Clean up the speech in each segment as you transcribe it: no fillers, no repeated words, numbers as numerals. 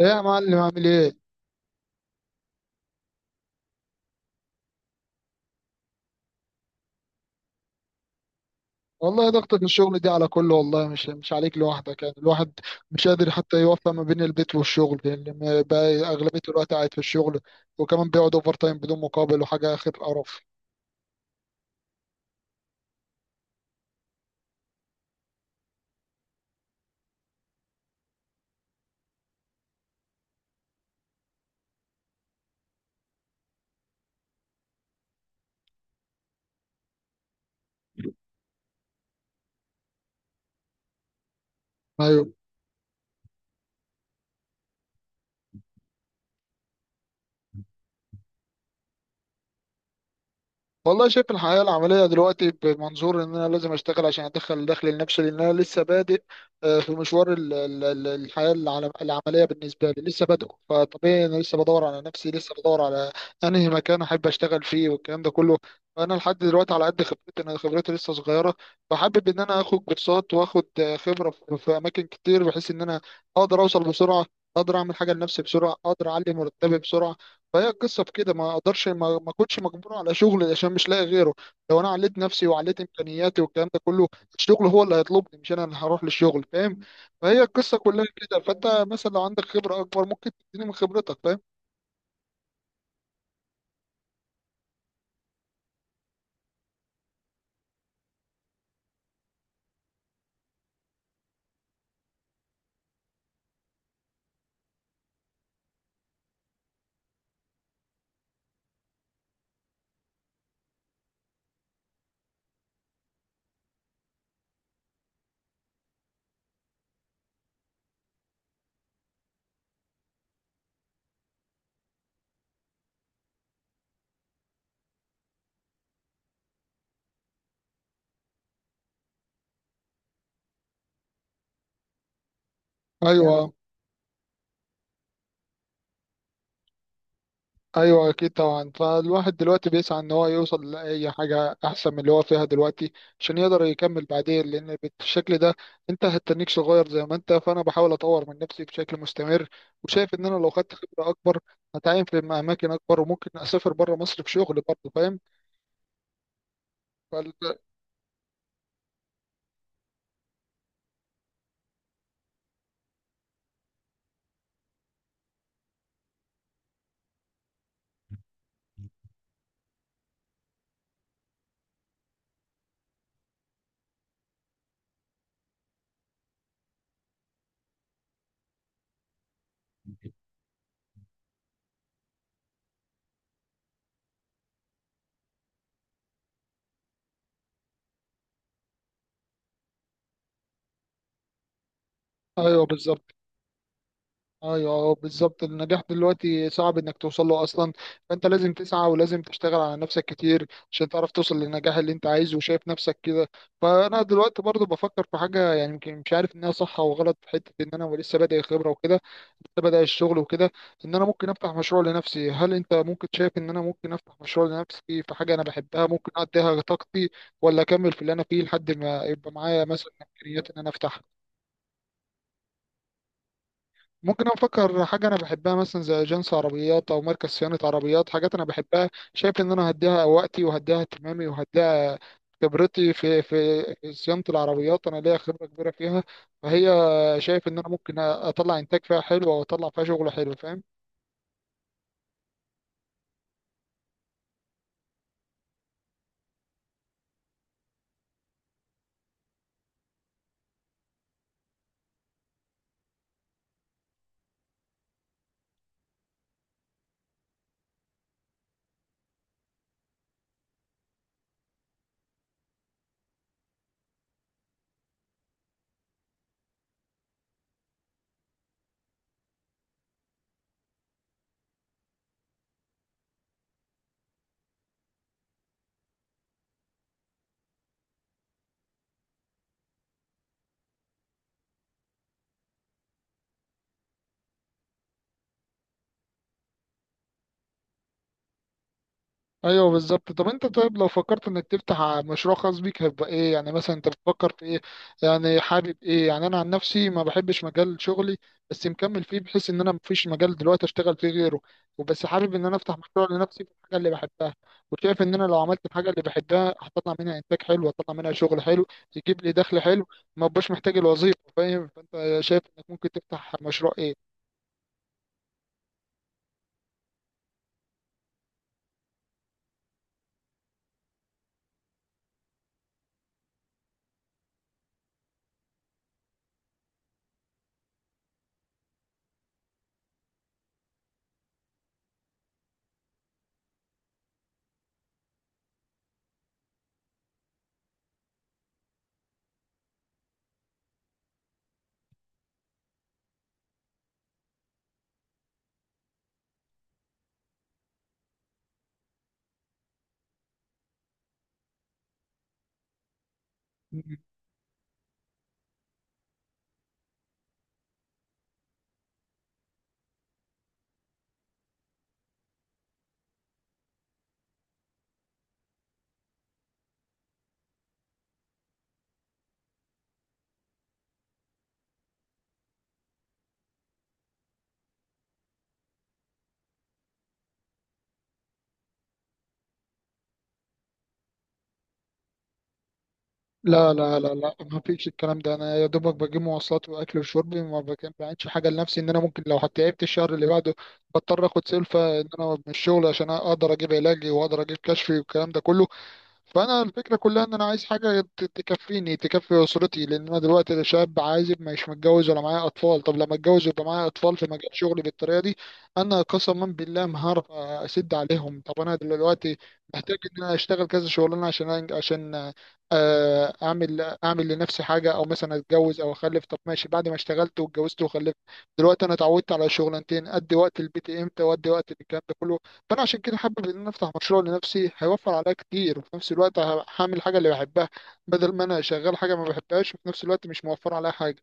ايه يا معلم عامل ايه؟ والله ضغطة الشغل دي على كله، والله مش عليك لوحدك. يعني الواحد مش قادر حتى يوفق ما بين البيت والشغل، لان بقى اغلبية الوقت قاعد في الشغل، وكمان بيقعد اوفر تايم بدون مقابل وحاجة اخر قرف. أيوه. والله شايف الحياة العملية دلوقتي بمنظور إن أنا لازم أشتغل عشان أدخل دخل لنفسي، لأن أنا لسه بادئ في مشوار الحياة العملية. بالنسبة لي لسه بادئ، فطبيعي أنا لسه بدور على نفسي، لسه بدور على أنهي مكان أحب أشتغل فيه والكلام ده كله. فأنا لحد دلوقتي على قد خبرتي، أنا خبرتي لسه صغيرة، فحابب إن أنا آخد كورسات وآخد خبرة في أماكن كتير، بحيث إن أنا أقدر أوصل بسرعة، أقدر أعمل حاجة لنفسي بسرعة، أقدر أعلي مرتبي بسرعة. فهي القصه في كده، ما اقدرش ما كنتش مجبور على شغل عشان مش لاقي غيره. لو انا عليت نفسي وعليت امكانياتي والكلام ده كله، الشغل هو اللي هيطلبني، مش انا اللي هروح للشغل، فاهم؟ فهي القصه كلها كده. فانت مثلا لو عندك خبره اكبر ممكن تديني من خبرتك، فاهم؟ ايوه. ايوه اكيد طبعا. فالواحد دلوقتي بيسعى ان هو يوصل لاي حاجه احسن من اللي هو فيها دلوقتي، عشان يقدر يكمل بعدين، لان بالشكل ده انت هتتنيك صغير زي ما انت. فانا بحاول اطور من نفسي بشكل مستمر، وشايف ان انا لو خدت خبره اكبر هتعين في اماكن اكبر، وممكن اسافر بره مصر في شغل برضه، فاهم؟ فال... ايوه بالظبط. ايوه بالظبط. النجاح دلوقتي صعب انك توصل له اصلا، فانت لازم تسعى ولازم تشتغل على نفسك كتير عشان تعرف توصل للنجاح اللي انت عايزه وشايف نفسك كده. فانا دلوقتي برضو بفكر في حاجه، يعني يمكن مش عارف انها صح او غلط، في حته ان انا لسه بادئ خبره وكده، لسه بادئ الشغل وكده، ان انا ممكن افتح مشروع لنفسي. هل انت ممكن شايف ان انا ممكن افتح مشروع لنفسي في حاجه انا بحبها، ممكن اديها طاقتي، ولا اكمل في اللي انا فيه لحد ما يبقى معايا مثلا امكانيات ان انا افتح؟ ممكن افكر حاجه انا بحبها مثلا زي اجنس عربيات او مركز صيانه عربيات، حاجات انا بحبها، شايف ان انا هديها وقتي وهديها اهتمامي وهديها خبرتي في في صيانه العربيات، انا ليا خبره كبيره فيها. فهي، شايف ان انا ممكن اطلع انتاج فيها حلو واطلع فيها شغل حلو، فاهم؟ ايوه بالظبط. طب انت، طيب لو فكرت انك تفتح مشروع خاص بيك هيبقى ايه؟ يعني مثلا انت بتفكر في ايه؟ يعني حابب ايه؟ يعني انا عن نفسي ما بحبش مجال شغلي، بس مكمل فيه بحيث ان انا مفيش مجال دلوقتي اشتغل فيه غيره، وبس حابب ان انا افتح مشروع لنفسي في الحاجه اللي بحبها. وشايف ان انا لو عملت الحاجه اللي بحبها هطلع منها انتاج حلو، هطلع منها شغل حلو، يجيب لي دخل حلو، ما بقاش محتاج الوظيفه، فاهم؟ فانت شايف انك ممكن تفتح مشروع ايه؟ لا لا لا لا، ما فيش الكلام ده. انا يا دوبك بجيب مواصلات واكل وشرب، ما بك- بعملش حاجه لنفسي، ان انا ممكن لو تعبت الشهر اللي بعده بضطر اخد سلفه ان انا من الشغل عشان اقدر اجيب علاجي واقدر اجيب كشفي والكلام ده كله. فانا الفكره كلها ان انا عايز حاجه تكفيني تكفي اسرتي، لان انا دلوقتي شاب عازب، مش متجوز ولا معايا اطفال. طب لما اتجوز ويبقى معايا اطفال في مجال شغلي بالطريقه دي، انا قسما بالله ما هعرف اسد عليهم. طب انا دلوقتي محتاج ان انا اشتغل كذا شغلانه عشان عشان اعمل لنفسي حاجه، او مثلا اتجوز او اخلف. طب ماشي، بعد ما اشتغلت واتجوزت وخلفت، دلوقتي انا اتعودت على شغلانتين، ادي وقت البيت امتى وادي وقت الكلام ده كله. فانا عشان كده حابب ان انا افتح مشروع لنفسي، هيوفر عليا كتير، وفي نفس الوقت هعمل حاجه اللي بحبها، بدل ما انا شغال حاجه ما بحبهاش وفي نفس الوقت مش موفر عليا حاجه.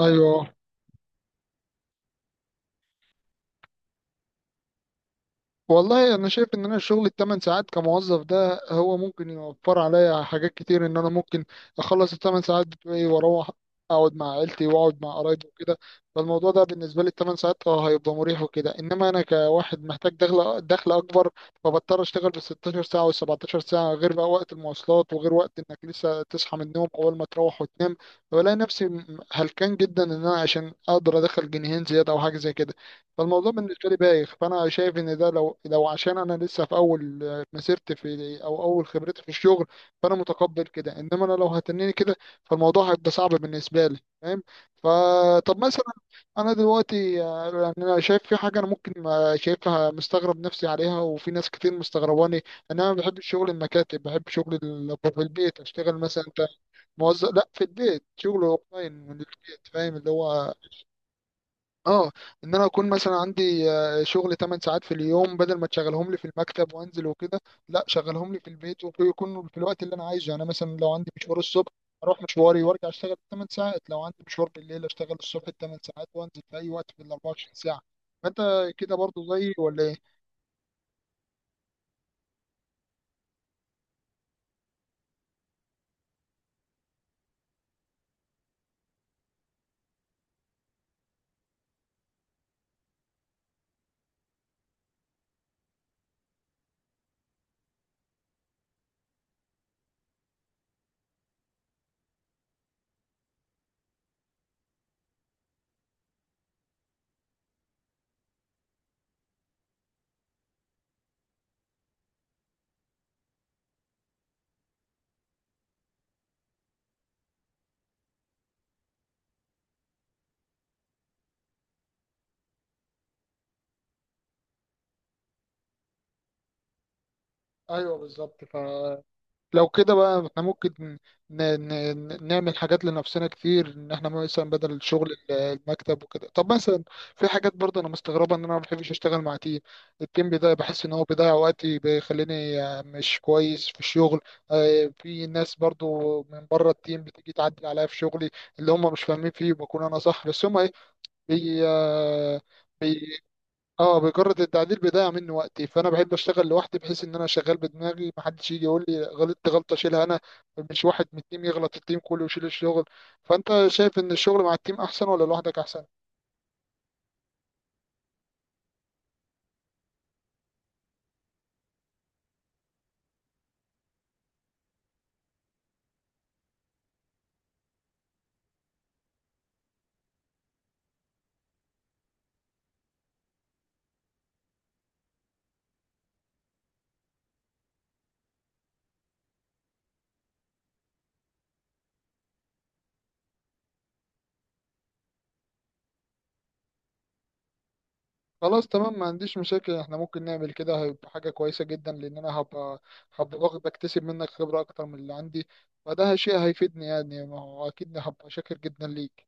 ايوه والله، انا شايف ان انا الشغل الثمان ساعات كموظف ده هو ممكن يوفر عليا حاجات كتير، ان انا ممكن اخلص الثمان ساعات بتوعي واروح اقعد مع عيلتي واقعد مع قرايبي وكده. فالموضوع ده بالنسبه لي الثمان ساعات اه هيبقى مريح وكده، انما انا كواحد محتاج دخل اكبر، فبضطر اشتغل بال 16 ساعه وال 17 ساعه، غير بقى وقت المواصلات وغير وقت انك لسه تصحى من النوم اول ما تروح وتنام. فبلاقي نفسي هلكان جدا ان انا عشان اقدر ادخل جنيهين زياده او حاجه زي كده. فالموضوع بالنسبه لي بايخ. فانا شايف ان ده، لو عشان انا لسه في اول مسيرتي في، او اول خبرتي في الشغل، فانا متقبل كده، انما انا لو هتنيني كده فالموضوع هيبقى صعب بالنسبه لي، فاهم؟ فطب مثلا انا دلوقتي يعني انا شايف في حاجه انا ممكن، شايفها مستغرب نفسي عليها وفي ناس كتير مستغرباني، ان انا ما بحبش شغل المكاتب، بحب شغل في البيت اشتغل. مثلا انت موظف؟ لا، في البيت، شغل اونلاين من البيت، فاهم؟ اللي هو اه، ان انا اكون مثلا عندي شغل 8 ساعات في اليوم، بدل ما تشغلهم لي في المكتب وانزل وكده، لا شغلهم لي في البيت ويكون في الوقت اللي انا عايزه. يعني مثلا لو عندي مشوار الصبح اروح مشواري وارجع اشتغل 8 ساعات، لو عندي مشوار بالليل اشتغل الصبح 8 ساعات وانزل، في اي وقت في ال 24 ساعه. فانت كده برضو زيي ولا ايه؟ ايوه بالظبط. ف، لو كده بقى احنا ممكن، ن... ن... نعمل حاجات لنفسنا كتير، ان احنا مثلا بدل الشغل المكتب وكده. طب مثلا في حاجات برضه انا مستغربه، ان انا ما بحبش اشتغل مع تيم، التيم بيضيع، بحس ان هو بيضيع وقتي، بيخليني مش كويس في الشغل. في ناس برضه من بره التيم بتيجي تعدل عليا في شغلي، اللي هم مش فاهمين فيه وبكون انا صح بس هم ايه، بي... آه، اه بمجرد التعديل بيضيع مني وقتي. فانا بحب اشتغل لوحدي بحيث ان انا شغال بدماغي، محدش يجي يقول لي غلطت غلطه اشيلها انا، مش واحد من التيم يغلط التيم كله ويشيل الشغل. فانت شايف ان الشغل مع التيم احسن ولا لوحدك احسن؟ خلاص تمام، ما عنديش مشاكل، احنا ممكن نعمل كده، هيبقى حاجه كويسه جدا، لان انا هبقى، بكتسب منك خبره اكتر من اللي عندي، فده شيء هيفيدني. يعني ما هو اكيد هبقى شاكر جدا ليك.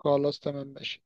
خلاص تمام ماشي.